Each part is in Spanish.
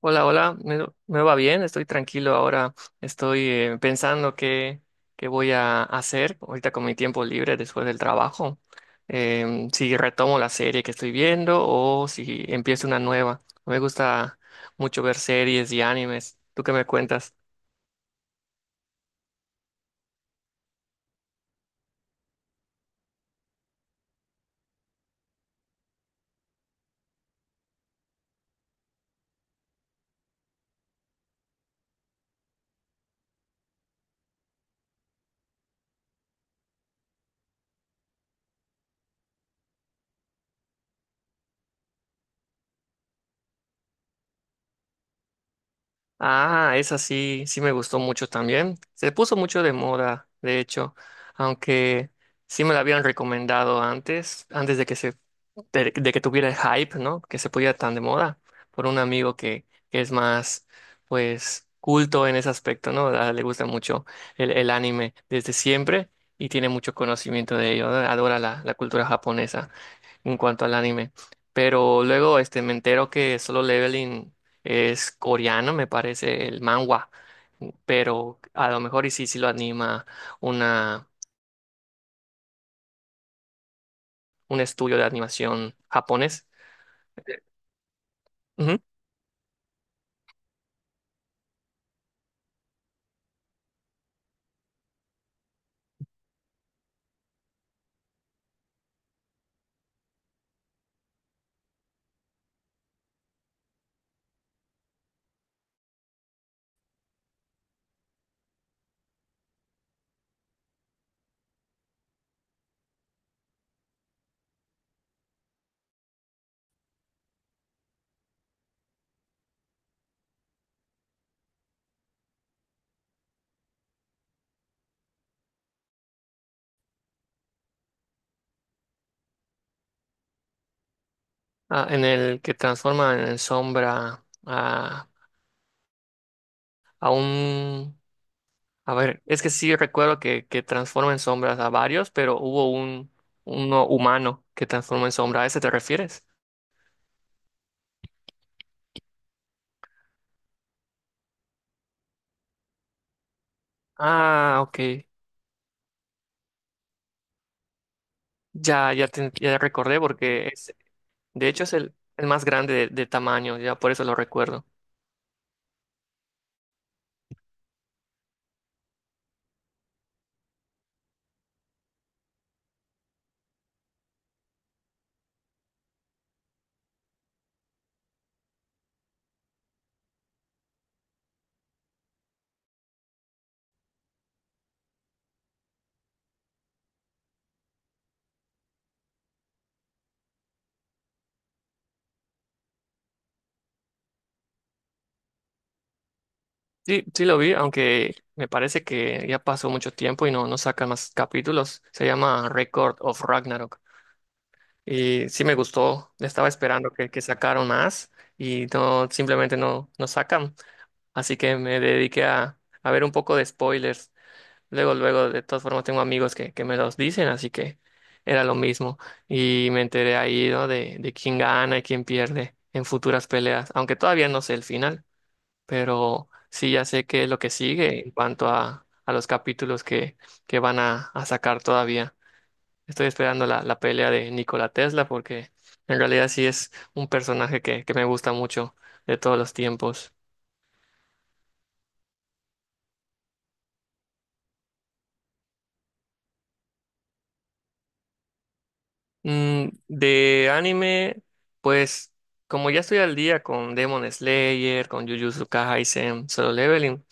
Hola, hola, me va bien, estoy tranquilo ahora, estoy pensando qué voy a hacer ahorita con mi tiempo libre después del trabajo. Si retomo la serie que estoy viendo o si empiezo una nueva. Me gusta mucho ver series y animes. ¿Tú qué me cuentas? Ah, esa sí, sí me gustó mucho también. Se puso mucho de moda, de hecho, aunque sí me la habían recomendado antes, de que tuviera el hype, ¿no? Que se pudiera tan de moda por un amigo que es más, pues, culto en ese aspecto, ¿no? Le gusta mucho el anime desde siempre y tiene mucho conocimiento de ello, ¿no? Adora la cultura japonesa en cuanto al anime. Pero luego este, me entero que Solo Leveling es coreano, me parece, el manhwa. Pero a lo mejor y sí, sí lo anima una, un estudio de animación japonés. Ujú. Ah, ¿en el que transforma en sombra a un... es que sí recuerdo que transforma en sombras a varios, pero hubo un uno humano que transforma en sombra? ¿A ese te refieres? Ah, ok. Ya, ya, ya recordé porque de hecho, es el más grande de tamaño, ya por eso lo recuerdo. Sí, sí lo vi, aunque me parece que ya pasó mucho tiempo y no, no sacan más capítulos. Se llama Record of Ragnarok. Y sí me gustó, estaba esperando que sacaran más y no, simplemente no, no sacan. Así que me dediqué a ver un poco de spoilers. Luego, luego, de todas formas, tengo amigos que me los dicen, así que era lo mismo. Y me enteré ahí, ¿no? De quién gana y quién pierde en futuras peleas, aunque todavía no sé el final, pero sí ya sé qué es lo que sigue en cuanto a los capítulos que van a sacar todavía. Estoy esperando la pelea de Nikola Tesla porque en realidad sí es un personaje que me gusta mucho de todos los tiempos. Mm, de anime, pues como ya estoy al día con Demon Slayer, con Jujutsu Kaisen, Solo Leveling,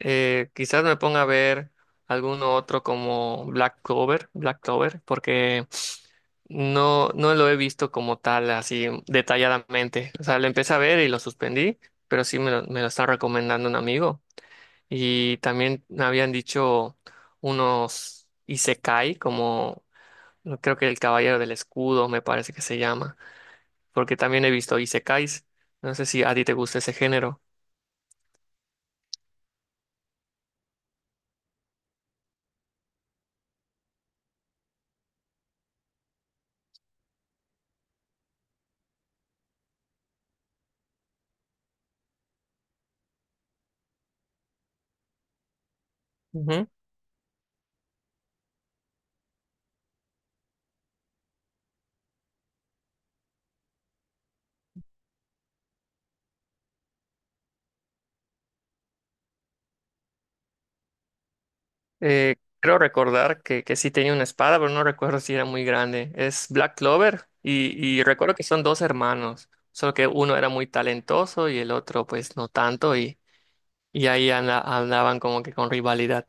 quizás me ponga a ver alguno otro como Black Clover, porque no, no lo he visto como tal, así detalladamente. O sea, lo empecé a ver y lo suspendí, pero sí me lo está recomendando un amigo. Y también me habían dicho unos Isekai como no, creo que el Caballero del Escudo me parece que se llama, porque también he visto Isekais. No sé si a ti te gusta ese género. Ujú. Creo recordar que sí tenía una espada, pero no recuerdo si era muy grande. Es Black Clover y recuerdo que son dos hermanos, solo que uno era muy talentoso y el otro pues no tanto y ahí andaban como que con rivalidad.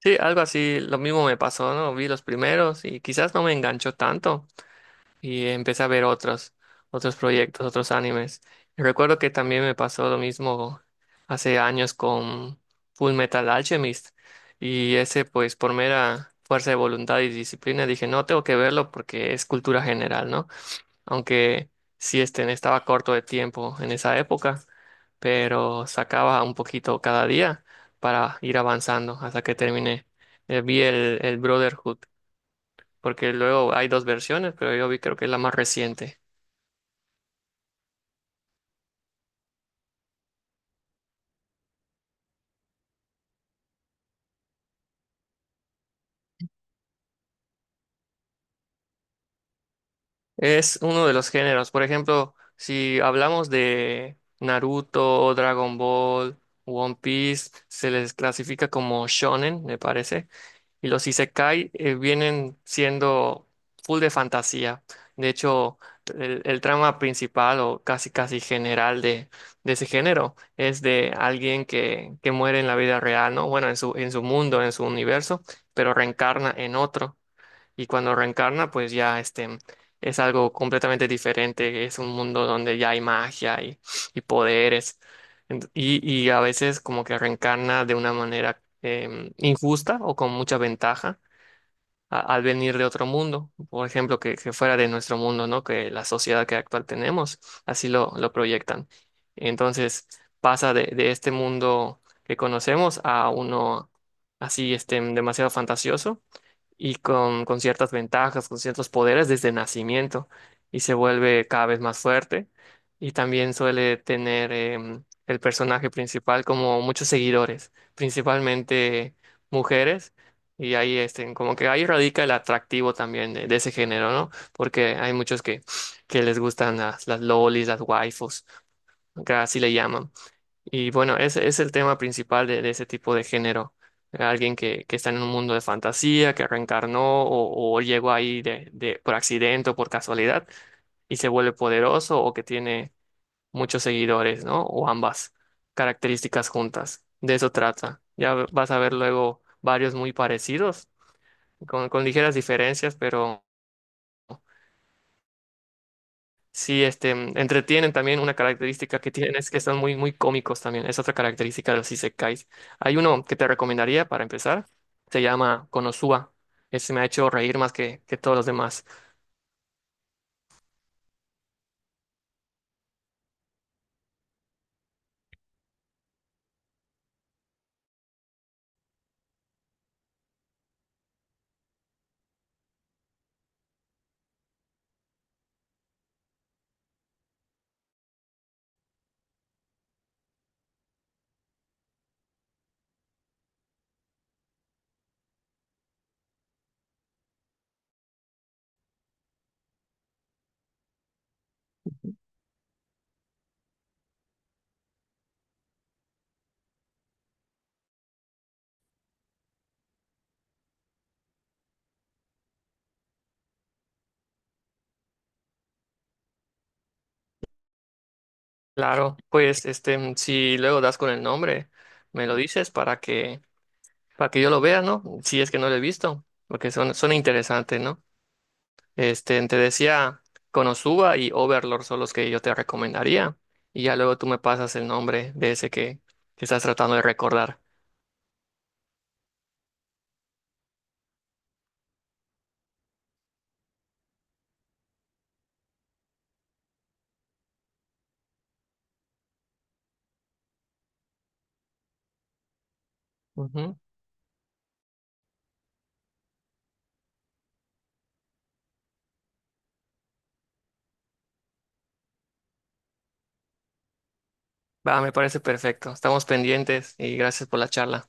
Sí, algo así, lo mismo me pasó, ¿no? Vi los primeros y quizás no me enganchó tanto y empecé a ver otros, otros proyectos, otros animes. Y recuerdo que también me pasó lo mismo hace años con Full Metal Alchemist y ese pues por mera fuerza de voluntad y disciplina dije, no, tengo que verlo porque es cultura general, ¿no? Aunque sí este, estaba corto de tiempo en esa época, pero sacaba un poquito cada día para ir avanzando hasta que terminé. Vi el Brotherhood porque luego hay dos versiones, pero yo vi creo que es la más reciente. Es uno de los géneros. Por ejemplo, si hablamos de Naruto, Dragon Ball, One Piece, se les clasifica como shonen, me parece. Y los isekai vienen siendo full de fantasía. De hecho, el trama principal o casi casi general de ese género es de alguien que muere en la vida real, ¿no? Bueno, en su mundo, en su universo, pero reencarna en otro y cuando reencarna, pues ya este, es algo completamente diferente, es un mundo donde ya hay magia y poderes. Ent- y, y a veces como que reencarna de una manera injusta o con mucha ventaja al venir de otro mundo, por ejemplo, que fuera de nuestro mundo, ¿no? Que la sociedad que actual tenemos, así lo proyectan. Entonces pasa de este mundo que conocemos a uno así este, demasiado fantasioso y con ciertas ventajas, con ciertos poderes desde nacimiento y se vuelve cada vez más fuerte y también suele tener el personaje principal como muchos seguidores, principalmente mujeres y ahí este, como que ahí radica el atractivo también de ese género, ¿no? Porque hay muchos que les gustan las lolis, las waifus, que así le llaman. Y bueno, ese es el tema principal de ese tipo de género. Alguien que está en un mundo de fantasía, que reencarnó o llegó ahí de, por accidente o por casualidad y se vuelve poderoso o que tiene muchos seguidores, ¿no? O ambas características juntas. De eso trata. Ya vas a ver luego varios muy parecidos, con ligeras diferencias, pero sí, este, mm, entretienen también. Una característica que tienen es que están muy, muy cómicos también. Es otra característica de los isekais. Hay uno que te recomendaría para empezar. Se llama Konosuba. Ese me ha hecho reír más que todos los demás. Claro, pues este, mm, si luego das con el nombre, me lo dices para que yo lo vea, ¿no? Si es que no lo he visto, porque son, son interesantes, ¿no? Este, te decía, Konosuba y Overlord son los que yo te recomendaría. Y ya luego tú me pasas el nombre de ese que estás tratando de recordar. Ujú. Va, me parece perfecto. Estamos pendientes y gracias por la charla.